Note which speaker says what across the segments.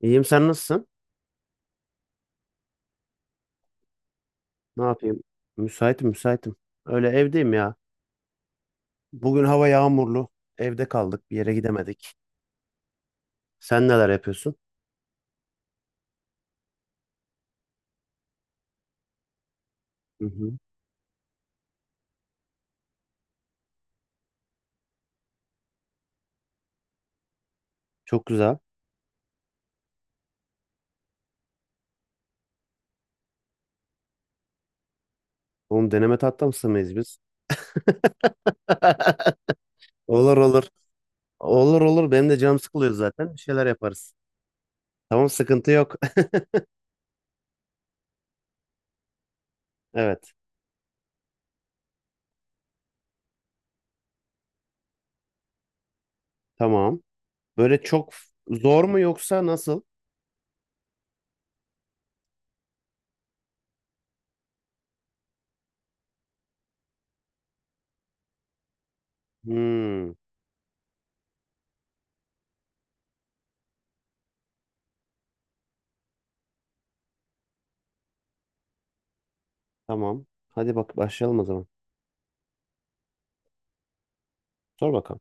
Speaker 1: İyiyim, sen nasılsın? Ne yapayım? Müsaitim müsaitim. Öyle evdeyim ya. Bugün hava yağmurlu. Evde kaldık, bir yere gidemedik. Sen neler yapıyorsun? Hı hı. Çok güzel. Oğlum deneme tatlısı mıyız biz? Olur olur. Olur olur. Benim de canım sıkılıyor zaten, bir şeyler yaparız. Tamam, sıkıntı yok. Evet. Tamam. Böyle çok zor mu yoksa nasıl? Hmm, tamam. Hadi bak, başlayalım o zaman. Sor bakalım.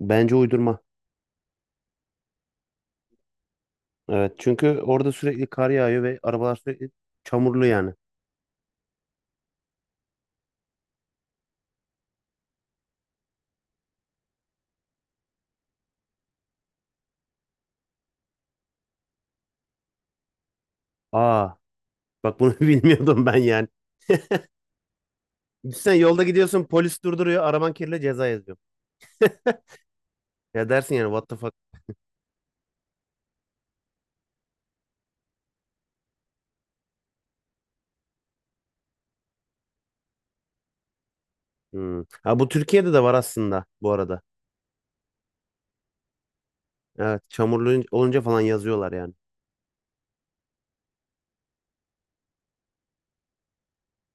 Speaker 1: Bence uydurma. Evet, çünkü orada sürekli kar yağıyor ve arabalar sürekli çamurlu yani. Aa, bak bunu bilmiyordum ben yani. Sen yolda gidiyorsun, polis durduruyor, araban kirli, ceza yazıyor. Ya dersin yani, what the fuck. Hmm. Ha, bu Türkiye'de de var aslında bu arada. Evet, çamurlu olunca falan yazıyorlar yani.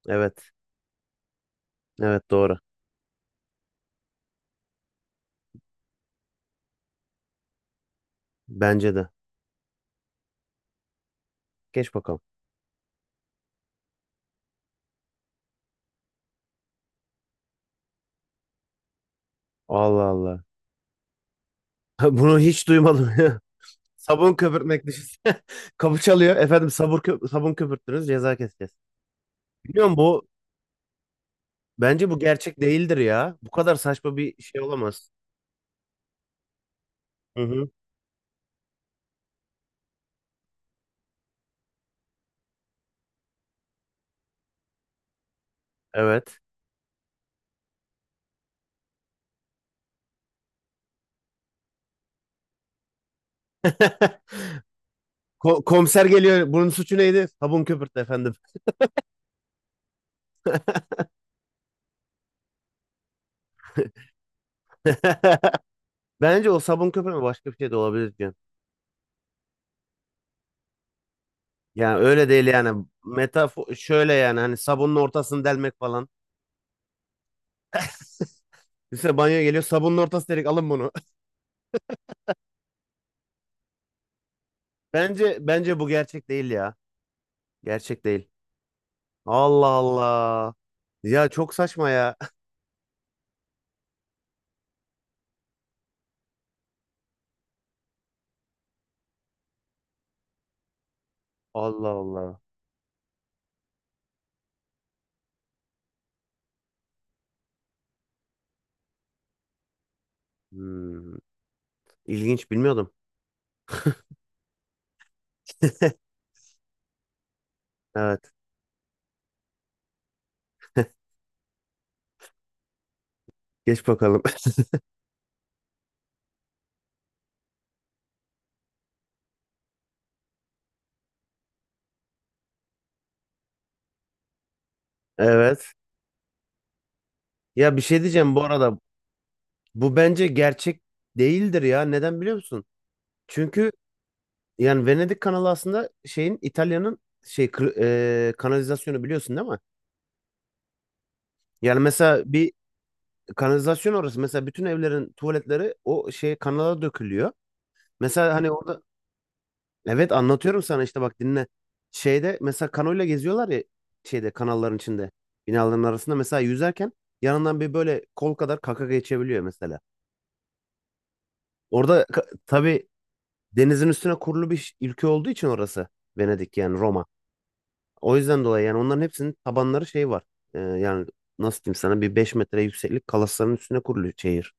Speaker 1: Evet, evet, doğru. Bence de. Geç bakalım. Allah Allah. Bunu hiç duymadım ya. Sabun köpürtmek, düşünsene. Kapı çalıyor. Efendim, sabun köpürttünüz, ceza keseceğiz. Biliyor musun? Bence bu gerçek değildir ya. Bu kadar saçma bir şey olamaz. Hı hı. Evet. Komiser geliyor. Bunun suçu neydi? Sabun köpürttü efendim. Bence o sabun köpürme başka bir şey de olabilir diyorum. Yani öyle değil yani. Metafor şöyle yani, hani sabunun ortasını delmek falan. Mesela banyo geliyor, sabunun ortası delik, alın bunu. Bence bu gerçek değil ya. Gerçek değil. Allah Allah. Ya çok saçma ya. Allah Allah. Hmm. İlginç, bilmiyordum. Evet. Geç bakalım. Evet. Ya, bir şey diyeceğim bu arada. Bu bence gerçek değildir ya. Neden biliyor musun? Çünkü yani Venedik kanalı aslında şeyin, İtalya'nın şey kır- kanalizasyonu, biliyorsun değil mi? Yani mesela bir kanalizasyon orası. Mesela bütün evlerin tuvaletleri o şey kanala dökülüyor. Mesela hani orada. Evet, anlatıyorum sana, işte bak, dinle. Şeyde mesela kanoyla geziyorlar ya, şeyde kanalların içinde, binaların arasında mesela yüzerken yanından bir böyle kol kadar kaka geçebiliyor mesela. Orada tabii, denizin üstüne kurulu bir ülke olduğu için orası, Venedik yani Roma. O yüzden dolayı yani onların hepsinin tabanları şey var. Yani nasıl diyeyim sana, bir 5 metre yükseklik kalasların üstüne kurulu şehir.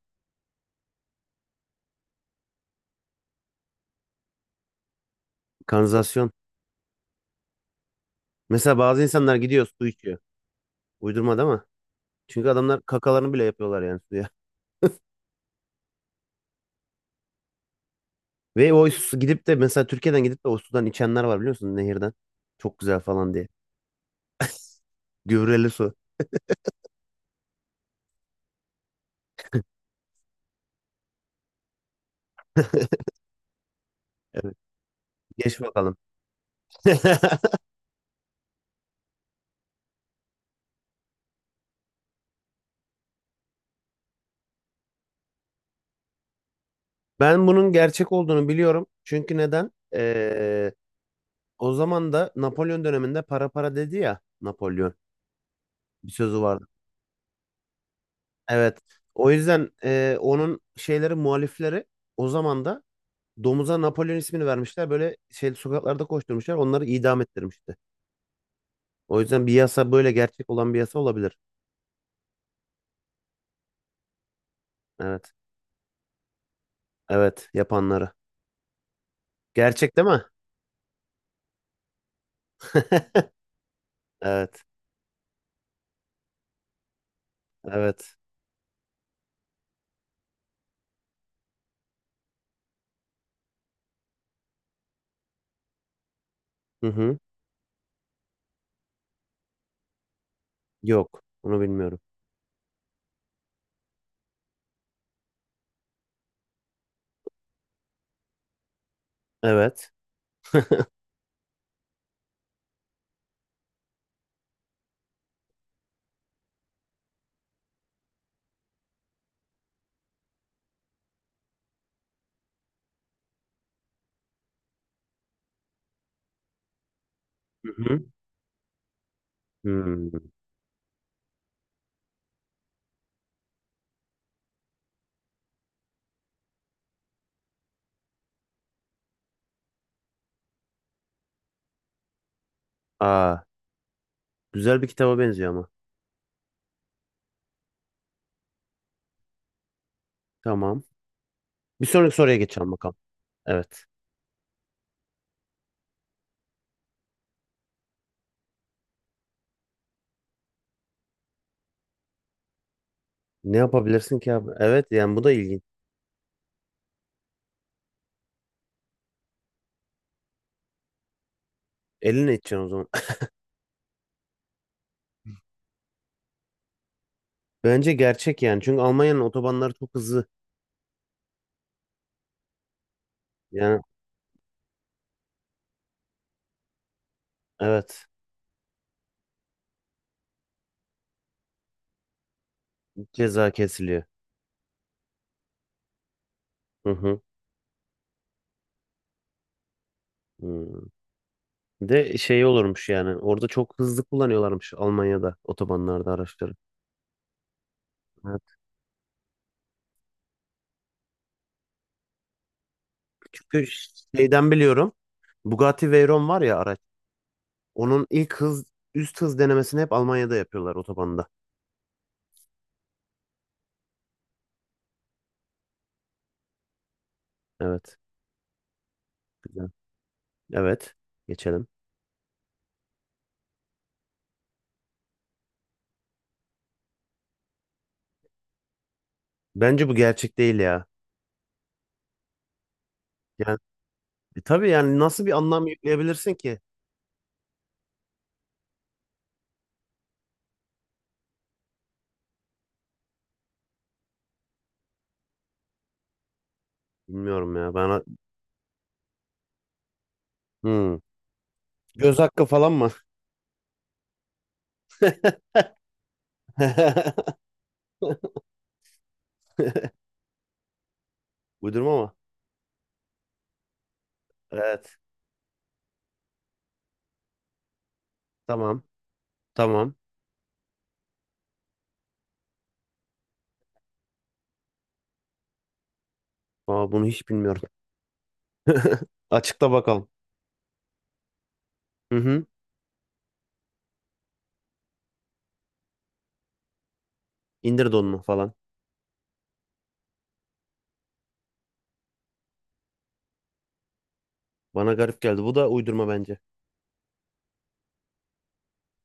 Speaker 1: Kanalizasyon. Mesela bazı insanlar gidiyor, su içiyor. Uydurma değil mi? Çünkü adamlar kakalarını bile yapıyorlar yani suya. Ve o su gidip de mesela Türkiye'den gidip de o sudan içenler var, biliyor musun, nehirden. Çok güzel falan diye. Gübreli su. Evet, geç bakalım. Ben bunun gerçek olduğunu biliyorum. Çünkü neden? O zaman da Napolyon döneminde para para dedi ya Napolyon. Bir sözü vardı. Evet. O yüzden onun muhalifleri o zaman da domuza Napolyon ismini vermişler. Böyle şey sokaklarda koşturmuşlar. Onları idam ettirmişti. O yüzden bir yasa, böyle gerçek olan bir yasa olabilir. Evet. Evet, yapanları. Gerçek değil mi? Evet. Evet. Hı hı. Yok. Onu bilmiyorum. Evet. Hı hı. Hmm. Aa, güzel bir kitaba benziyor ama. Tamam. Bir sonraki soruya geçelim bakalım. Evet. Ne yapabilirsin ki abi? Evet yani bu da ilginç. Elinle edeceksin o zaman. Bence gerçek yani. Çünkü Almanya'nın otobanları çok hızlı. Yani evet, ceza kesiliyor. Hı hı. Hmm. Bir de şey olurmuş yani. Orada çok hızlı kullanıyorlarmış, Almanya'da otobanlarda araçları. Evet. Çünkü şeyden biliyorum. Bugatti Veyron var ya, araç. Onun ilk hız üst hız denemesini hep Almanya'da yapıyorlar, otobanda. Evet. Güzel. Evet. Geçelim. Bence bu gerçek değil ya. Yani tabii yani, nasıl bir anlam yükleyebilirsin ki? Bilmiyorum ya. Ben. Hmm. Göz hakkı falan mı? Uydurma mı? Evet. Tamam. Tamam. Aa, bunu hiç bilmiyorum. Açıkla bakalım. Hı hı. İndir donunu falan. Bana garip geldi. Bu da uydurma bence.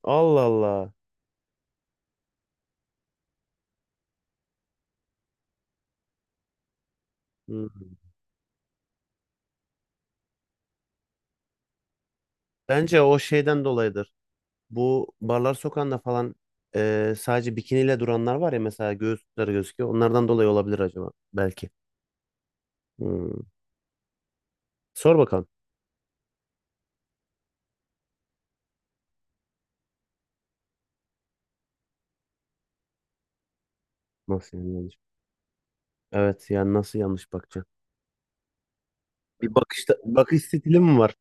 Speaker 1: Allah Allah. Hı. Bence o şeyden dolayıdır. Bu barlar sokağında falan sadece bikiniyle duranlar var ya, mesela göğüsleri gözüküyor. Onlardan dolayı olabilir acaba. Belki. Hı. Sor bakalım. Nasıl yani, yanlış? Evet yani nasıl yanlış bakacaksın? Bir bakışta bakış stili mi var?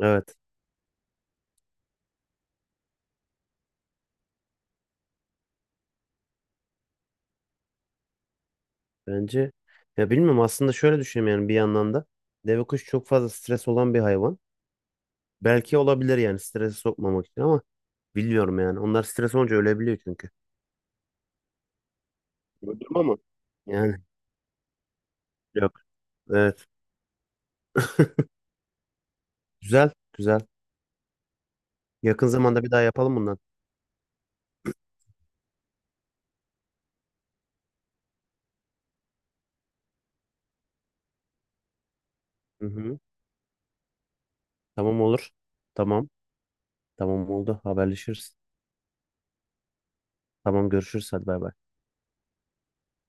Speaker 1: Evet, bence ya, bilmiyorum aslında, şöyle düşünüyorum yani. Bir yandan da deve kuş çok fazla stres olan bir hayvan. Belki olabilir yani, strese sokmamak için, ama bilmiyorum yani. Onlar stres olunca ölebiliyor çünkü. Öldürme ama. Yani yok. Evet. Güzel, güzel. Yakın zamanda bir daha yapalım bundan. Hı hı. Tamam, olur. Tamam. Tamam, oldu. Haberleşiriz. Tamam, görüşürüz. Hadi, bay bay.